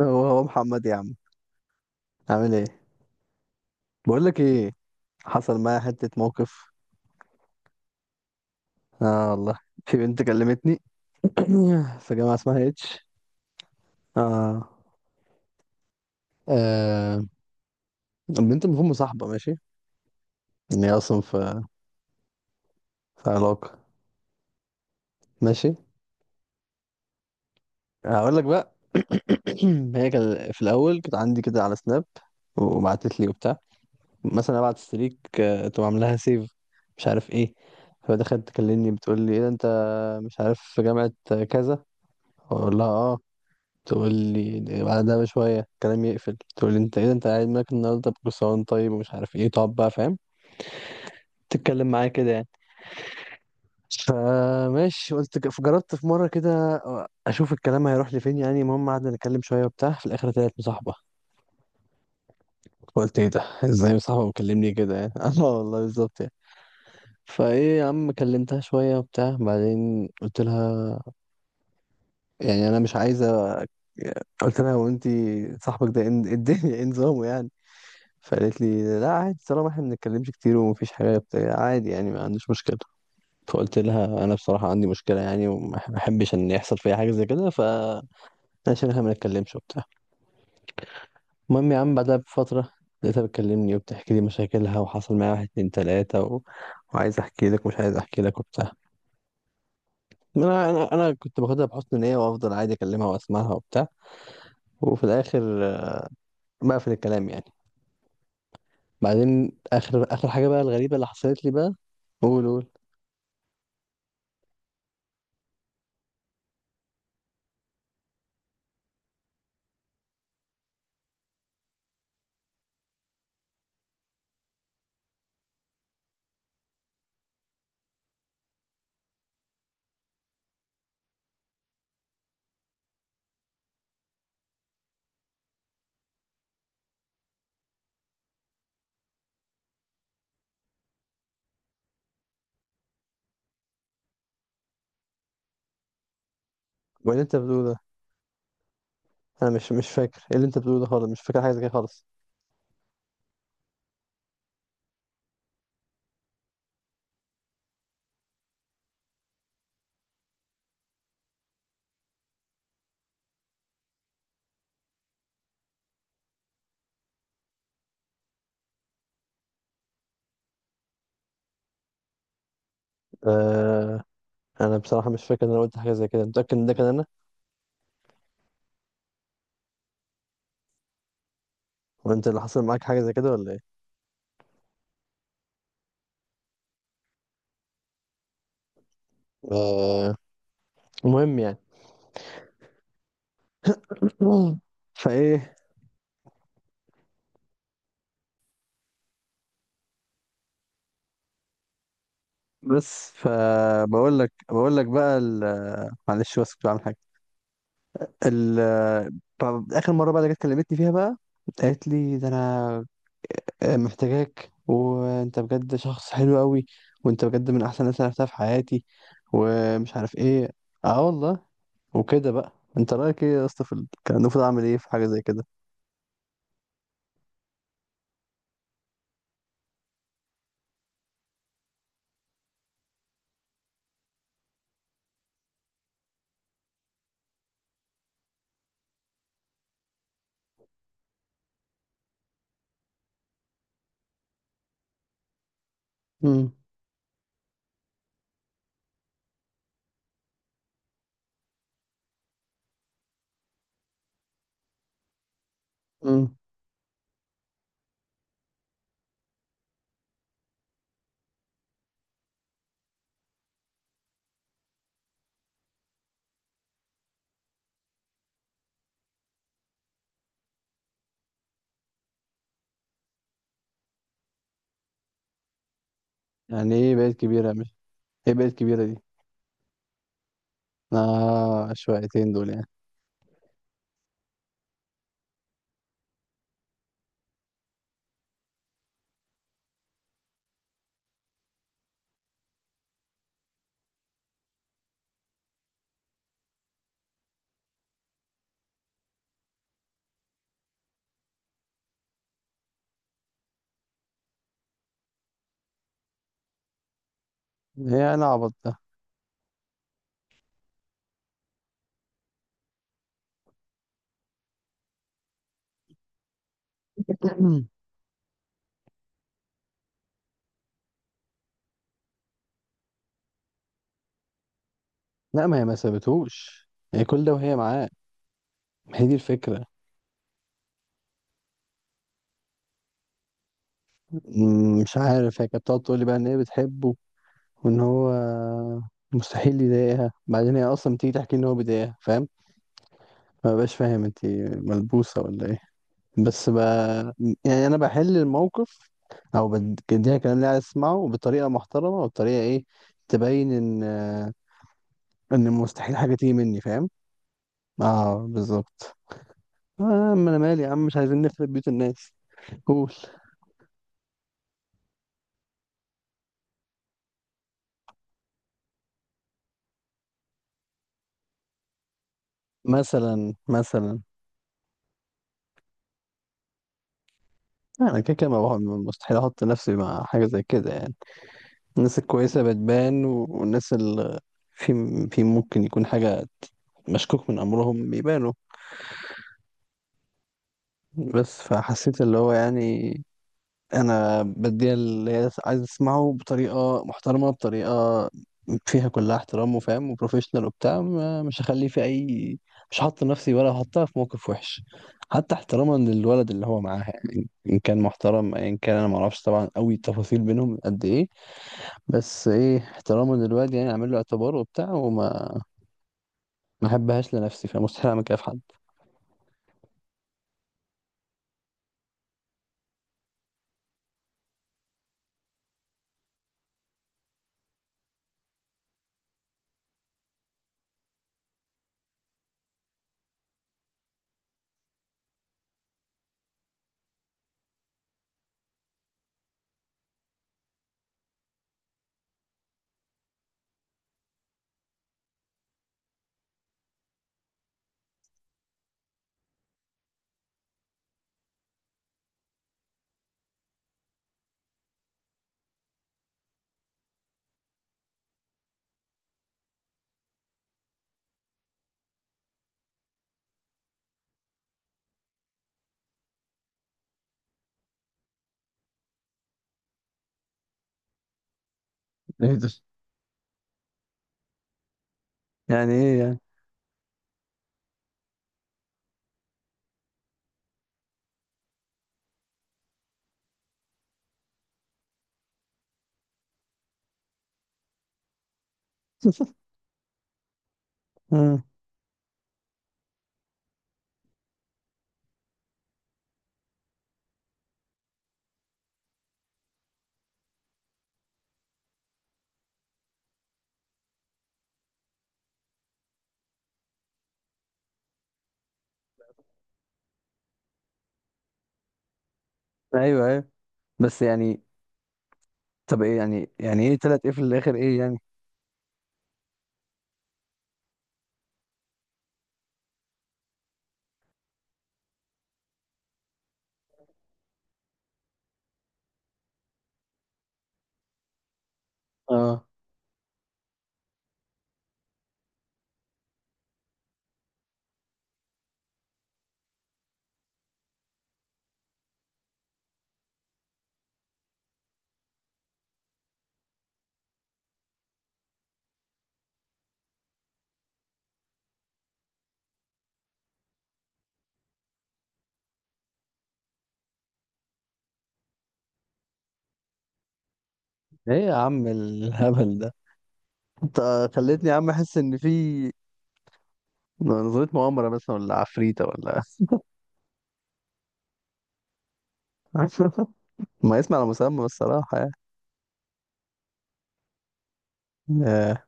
هو محمد يا عم، عامل ايه؟ بقول لك ايه، حصل معايا حته موقف. اه والله، في بنت كلمتني في جامعه اسمها اتش. اه، آه، البنت المفروض مصاحبه ماشي، ان هي اصلا في علاقه. ماشي، هقول لك بقى. هي كان في الاول كانت عندي كده على سناب وبعتت لي وبتاع، مثلا ابعت ستريك تقوم عاملاها سيف، مش عارف ايه. فدخلت تكلمني بتقول لي ايه ده، انت مش عارف في جامعه كذا، اقول لها اه، تقول لي بعدها بشوية الكلام يقفل، تقول لي انت ايه ده انت قاعد مالك النهاردة بكسران طيب ومش عارف ايه، تقعد بقى فاهم تتكلم معايا كده يعني. فماشي قلت جربت في مرة كده اشوف الكلام هيروح لفين يعني. المهم قعدنا نتكلم شوية وبتاع، في الاخر طلعت مصاحبة. قلت ايه ده، ازاي مصاحبة مكلمني كده يعني؟ اه والله بالظبط يعني. فايه يا عم، كلمتها شوية وبتاع، بعدين قلت لها يعني انا مش عايزة. قلت لها هو انت صاحبك ده ايه الدنيا، ايه نظامه يعني؟ فقالت لي لا عادي، طالما احنا ما بنتكلمش كتير ومفيش حاجه بتاع، عادي يعني، ما عنديش مشكله. فقلت لها انا بصراحه عندي مشكله يعني، وما ما احبش ان يحصل فيها حاجه زي كده، فعشان احنا ما نتكلمش وبتاع. المهم يا عم، بعدها بفتره لقيتها بتكلمني وبتحكي لي مشاكلها، وحصل معايا واحد اتنين تلاته وعايز احكي لك ومش عايز احكي لك وبتاع. انا كنت باخدها بحسن نيه وافضل عادي اكلمها واسمعها وبتاع، وفي الاخر بقفل الكلام يعني. بعدين اخر اخر حاجه بقى، الغريبه اللي حصلت لي بقى. قول قول. وبعدين انت بتقول؟ انا مش فاكر ايه اللي انت بتقوله ده خالص، مش فاكر حاجه زي كده خالص. آه، انا بصراحه مش فاكر ان انا قلت حاجه زي كده، متاكد ان ده كان انا وانت اللي حصل معاك حاجه زي كده ولا ايه؟ آه. المهم يعني فايه، بس فبقول لك بقى معلش بس كنت بعمل حاجه. ال طب اخر مره بقى اللي جت كلمتني فيها بقى، قالت لي ده انا محتاجاك، وانت بجد شخص حلو قوي، وانت بجد من احسن الناس اللي عرفتها في حياتي، ومش عارف ايه. اه والله. وكده بقى، انت رايك ايه يا اسطى في كان المفروض اعمل ايه في حاجه زي كده؟ امم. امم. يعني ايه بقت كبيره؟ مش ايه بقت كبيره دي؟ اه، شويتين دول يعني. ايه انا عبط ده؟ لا، ما هي ما سابتهوش، هي كل ده وهي معاه. ما هي دي الفكره. مش عارف، هي كانت بتقعد تقول لي بقى ان هي بتحبه وان هو مستحيل يضايقها، بعدين هي اصلا بتيجي تحكي ان هو بيضايقها فاهم. ما بقاش فاهم انت، ملبوسه ولا ايه؟ بس يعني انا بحل الموقف، او بديها الكلام اللي عايز اسمعه بطريقه محترمه وبطريقه ايه تبين ان ان مستحيل حاجه تيجي مني فاهم. اه بالظبط. ما انا مالي يا عم، مش عايزين نخرب بيوت الناس. قول. مثلا انا كده كده ما مستحيل احط نفسي مع حاجه زي كده يعني. الناس الكويسه بتبان، والناس اللي في في ممكن يكون حاجه مشكوك من امرهم بيبانوا. بس فحسيت اللي هو يعني انا بديها اللي هي عايز اسمعه بطريقه محترمه، بطريقه فيها كلها احترام وفاهم وبروفيشنال وبتاع. مش هخلي في اي، مش هحط نفسي ولا هحطها في موقف وحش. حتى احتراما للولد اللي هو معاها يعني، ان كان محترم، ان كان انا ما اعرفش طبعا قوي التفاصيل بينهم قد ايه، بس ايه احتراما للولد يعني اعمل له اعتبار وبتاع، وما ما احبهاش لنفسي، فمستحيل اعمل كده في حد. ايه ده؟ يعني ايه يعني؟ آه. ايوه ايوه. بس يعني طب ايه يعني ايه تلات ايه في الاخر ايه يعني؟ اه، ايه يا عم الهبل ده؟ انت خليتني يا عم احس ان في نظرية مؤامرة، بس ولا عفريتة ولا ما يسمع على مسمى الصراحة يعني. آه.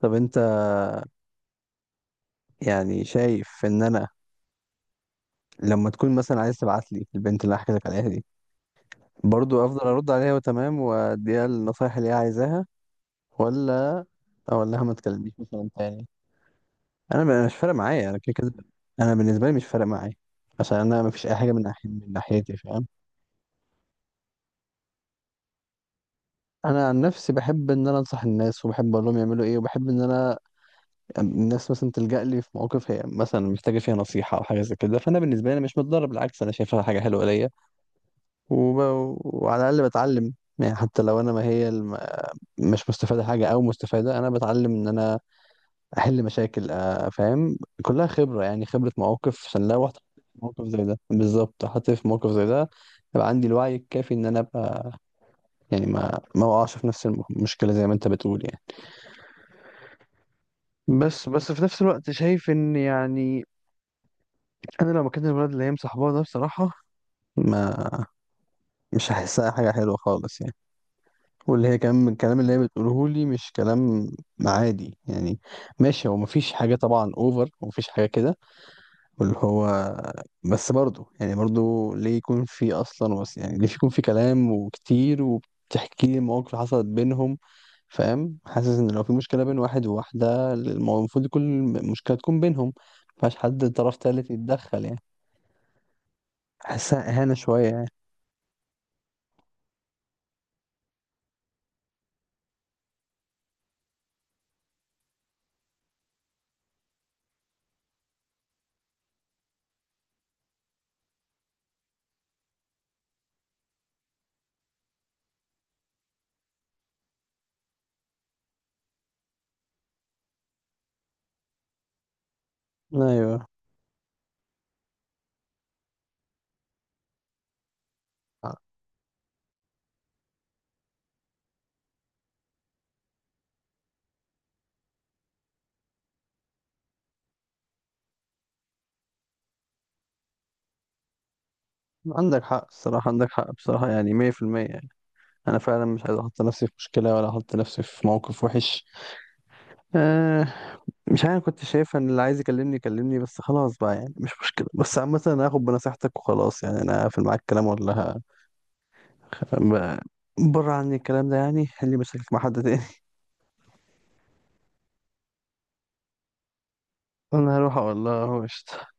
طب انت يعني شايف ان انا لما تكون مثلا عايز تبعت لي البنت اللي حكيتك عليها دي، برضو افضل ارد عليها وتمام واديها النصايح اللي هي عايزاها، ولا اقول لها ما تكلمنيش مثلا تاني؟ انا مش فارق معايا، انا كده كده. انا بالنسبة لي مش فارق معايا، عشان انا مفيش اي حاجة من ناحية من ناحيتي فاهم. انا عن نفسي بحب ان انا انصح الناس وبحب اقول لهم يعملوا ايه، وبحب ان انا الناس مثلا تلجأ لي في مواقف هي مثلا محتاجه فيها نصيحه او حاجه زي كده، فانا بالنسبه لي أنا مش متضرر، بالعكس انا شايفها حاجه حلوه ليا. وب... وعلى الاقل بتعلم يعني، حتى لو انا ما هي مش مستفاده حاجه، او مستفاده، انا بتعلم ان انا احل مشاكل فاهم، كلها خبره يعني، خبره مواقف، عشان لو رحت في موقف زي ده بالظبط، حطيت في موقف زي ده يبقى عندي الوعي الكافي ان انا ابقى يعني ما اقعش في نفس المشكله زي ما انت بتقول يعني. بس في نفس الوقت شايف ان يعني انا لو مكان الولد اللي هي مصاحباه ده بصراحه ما مش هحسها حاجه حلوه خالص يعني، واللي هي كمان من الكلام اللي هي بتقوله لي مش كلام عادي يعني. ماشي، هو مفيش حاجه طبعا اوفر ومفيش حاجه كده، واللي هو بس برضه يعني، برضه ليه يكون في اصلا، بس يعني ليه يكون في كلام وكتير وبتحكي لي مواقف حصلت بينهم فاهم. حاسس ان لو في مشكله بين واحد وواحده المفروض كل مشكله تكون بينهم، مفيهاش حد طرف تالت يتدخل يعني. حاسسها اهانه شويه يعني. ايوه، عندك حق الصراحة، عندك حق بصراحة، يعني 100% يعني. أنا فعلا مش عايز أحط نفسي في مشكلة ولا أحط نفسي في موقف وحش. آه مش عارف، كنت شايف ان اللي عايز يكلمني يكلمني بس، خلاص بقى يعني مش مشكلة. بس عامة انا هاخد بنصيحتك وخلاص يعني، انا هقفل معاك الكلام ولا ب- بره عني الكلام ده، يعني اللي مشاكلك مع حد تاني. انا هروح اقول لها هو قشطة.